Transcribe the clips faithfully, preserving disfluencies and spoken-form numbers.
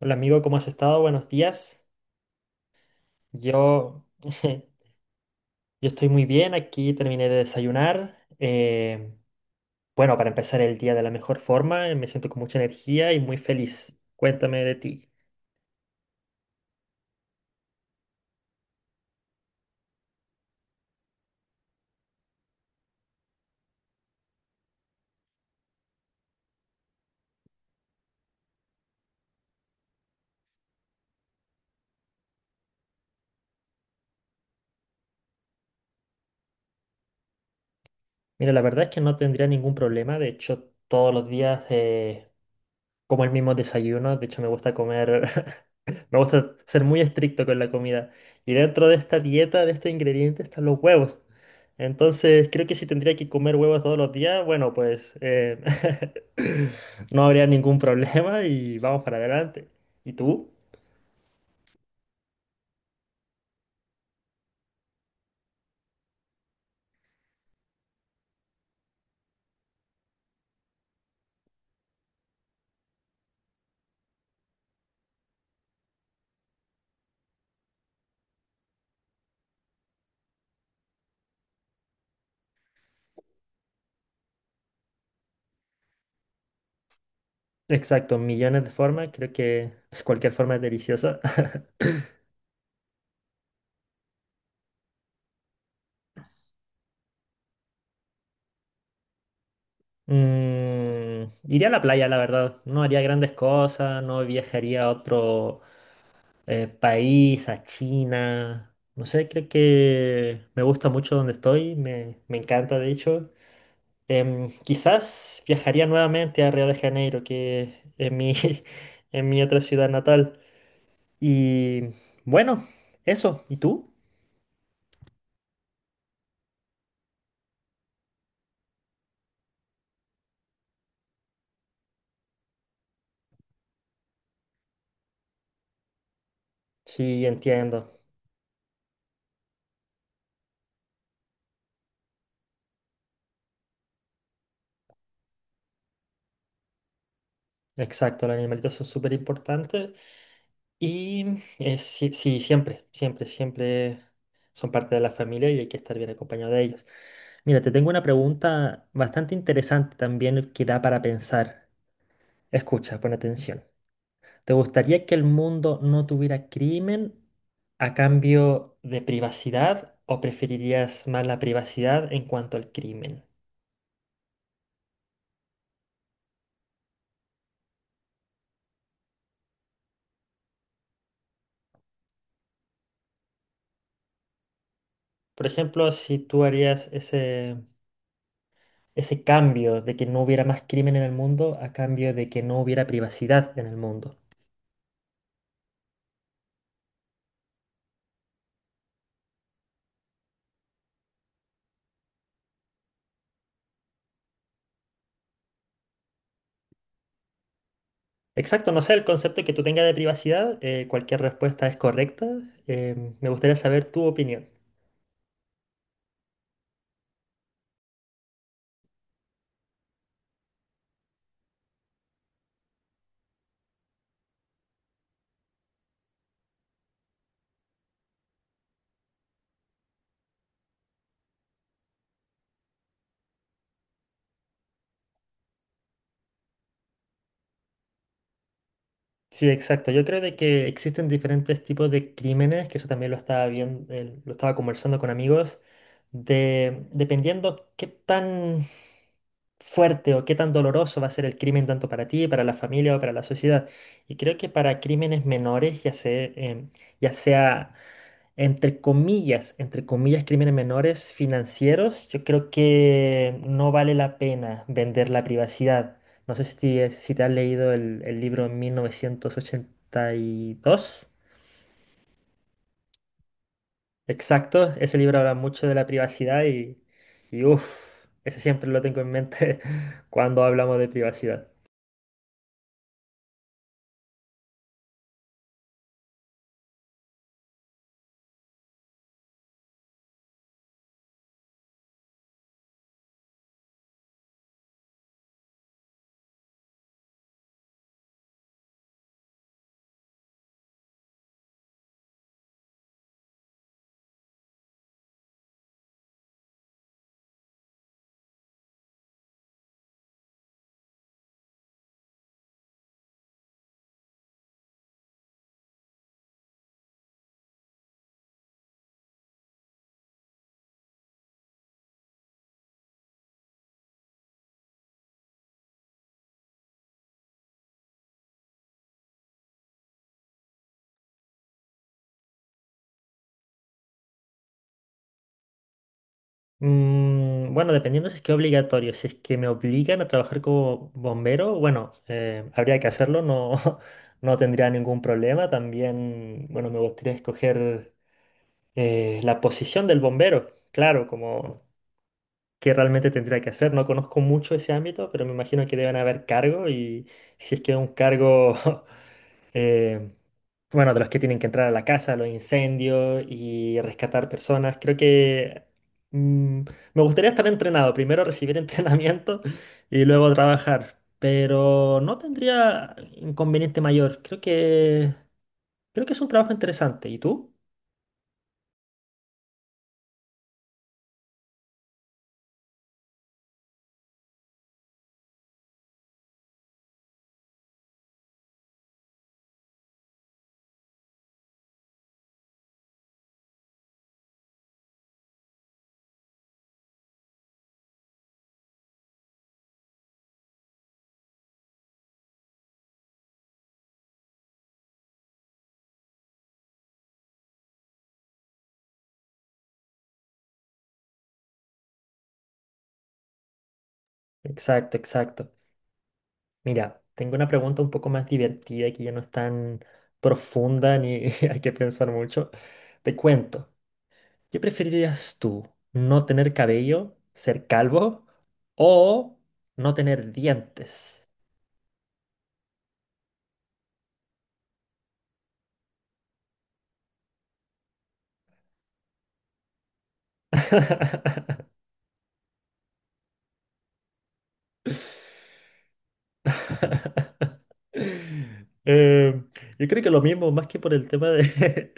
Hola amigo, ¿cómo has estado? Buenos días. Yo, yo estoy muy bien, aquí terminé de desayunar. Eh, bueno, para empezar el día de la mejor forma, eh, me siento con mucha energía y muy feliz. Cuéntame de ti. Mira, la verdad es que no tendría ningún problema, de hecho todos los días eh, como el mismo desayuno, de hecho me gusta comer, me gusta ser muy estricto con la comida. Y dentro de esta dieta, de este ingrediente, están los huevos. Entonces, creo que si tendría que comer huevos todos los días, bueno, pues eh, no habría ningún problema y vamos para adelante. ¿Y tú? Exacto, millones de formas, creo que cualquier forma es deliciosa. Mm, iría a la playa, la verdad. No haría grandes cosas, no viajaría a otro, eh, país, a China. No sé, creo que me gusta mucho donde estoy, me, me encanta de hecho. Em, quizás viajaría nuevamente a Río de Janeiro, que es mi, es mi otra ciudad natal. Y bueno, eso. ¿Y tú? Sí, entiendo. Exacto, los animalitos son súper importantes y eh, sí, sí, siempre, siempre, siempre son parte de la familia y hay que estar bien acompañado de ellos. Mira, te tengo una pregunta bastante interesante también que da para pensar. Escucha, pon atención. ¿Te gustaría que el mundo no tuviera crimen a cambio de privacidad o preferirías más la privacidad en cuanto al crimen? Por ejemplo, si tú harías ese ese cambio de que no hubiera más crimen en el mundo a cambio de que no hubiera privacidad en el mundo. Exacto, no sé, el concepto que tú tengas de privacidad, eh, cualquier respuesta es correcta. Eh, me gustaría saber tu opinión. Sí, exacto. Yo creo de que existen diferentes tipos de crímenes, que eso también lo estaba viendo, lo estaba conversando con amigos, de dependiendo qué tan fuerte o qué tan doloroso va a ser el crimen tanto para ti, para la familia o para la sociedad. Y creo que para crímenes menores, ya sea, ya sea entre comillas, entre comillas, crímenes menores financieros, yo creo que no vale la pena vender la privacidad. No sé si, si te has leído el, el libro en mil novecientos ochenta y dos. Exacto, ese libro habla mucho de la privacidad y, y uff, ese siempre lo tengo en mente cuando hablamos de privacidad. Mm, bueno, dependiendo si es que es obligatorio, si es que me obligan a trabajar como bombero, bueno, eh, habría que hacerlo, no, no tendría ningún problema. También, bueno, me gustaría escoger eh, la posición del bombero, claro, como qué realmente tendría que hacer. No conozco mucho ese ámbito, pero me imagino que deben haber cargos y si es que es un cargo em, bueno, de los que tienen que entrar a la casa, los incendios y rescatar personas. Creo que mm, me gustaría estar entrenado. Primero recibir entrenamiento y luego trabajar. Pero no tendría inconveniente mayor. Creo que, creo que es un trabajo interesante. ¿Y tú? Exacto, exacto. Mira, tengo una pregunta un poco más divertida que ya no es tan profunda ni hay que pensar mucho. Te cuento. ¿Qué preferirías tú? ¿No tener cabello? ¿Ser calvo? O no tener dientes. Eh, yo creo que lo mismo, más que por el tema de,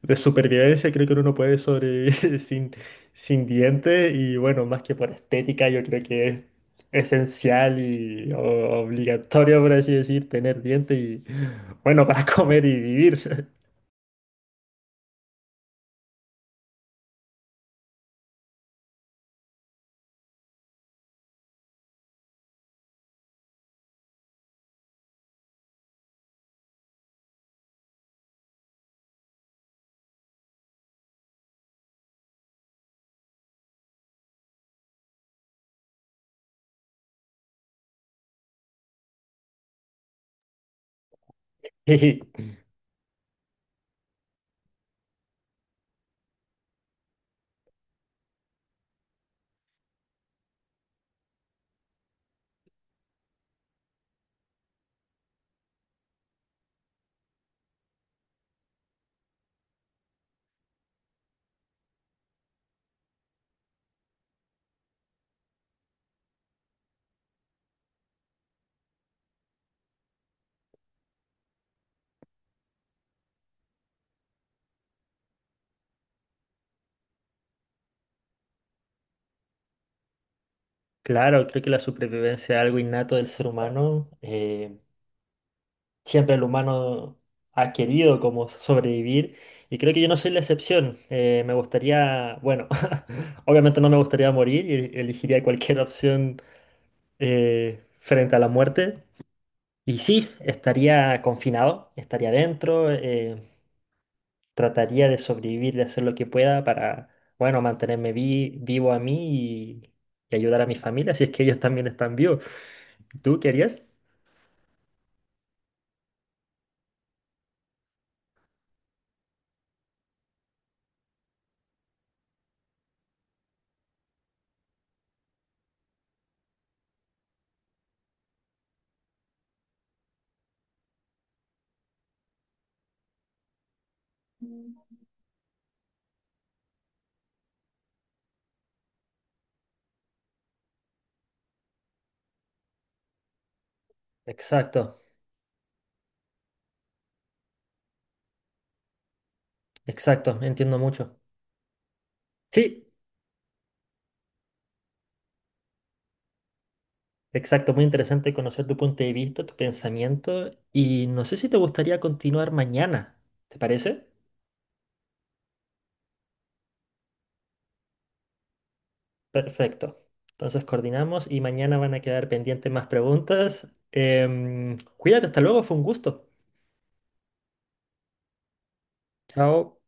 de supervivencia, creo que uno no puede sobrevivir sin, sin dientes y bueno, más que por estética, yo creo que es esencial y o- obligatorio, por así decir, tener dientes y bueno, para comer y vivir. Y claro, creo que la supervivencia es algo innato del ser humano. eh, Siempre el humano ha querido como sobrevivir y creo que yo no soy la excepción. Eh, me gustaría, bueno, obviamente no me gustaría morir y elegiría cualquier opción eh, frente a la muerte. Y sí, estaría confinado, estaría dentro, eh, trataría de sobrevivir, de hacer lo que pueda para, bueno, mantenerme vi- vivo a mí y, y ayudar a mi familia, si es que ellos también están vivos. ¿Tú qué harías? Exacto, exacto, entiendo mucho. Sí. Exacto, muy interesante conocer tu punto de vista, tu pensamiento y no sé si te gustaría continuar mañana, ¿te parece? Perfecto. Entonces coordinamos y mañana van a quedar pendientes más preguntas. Em, cuídate, hasta luego, fue un gusto. Chao.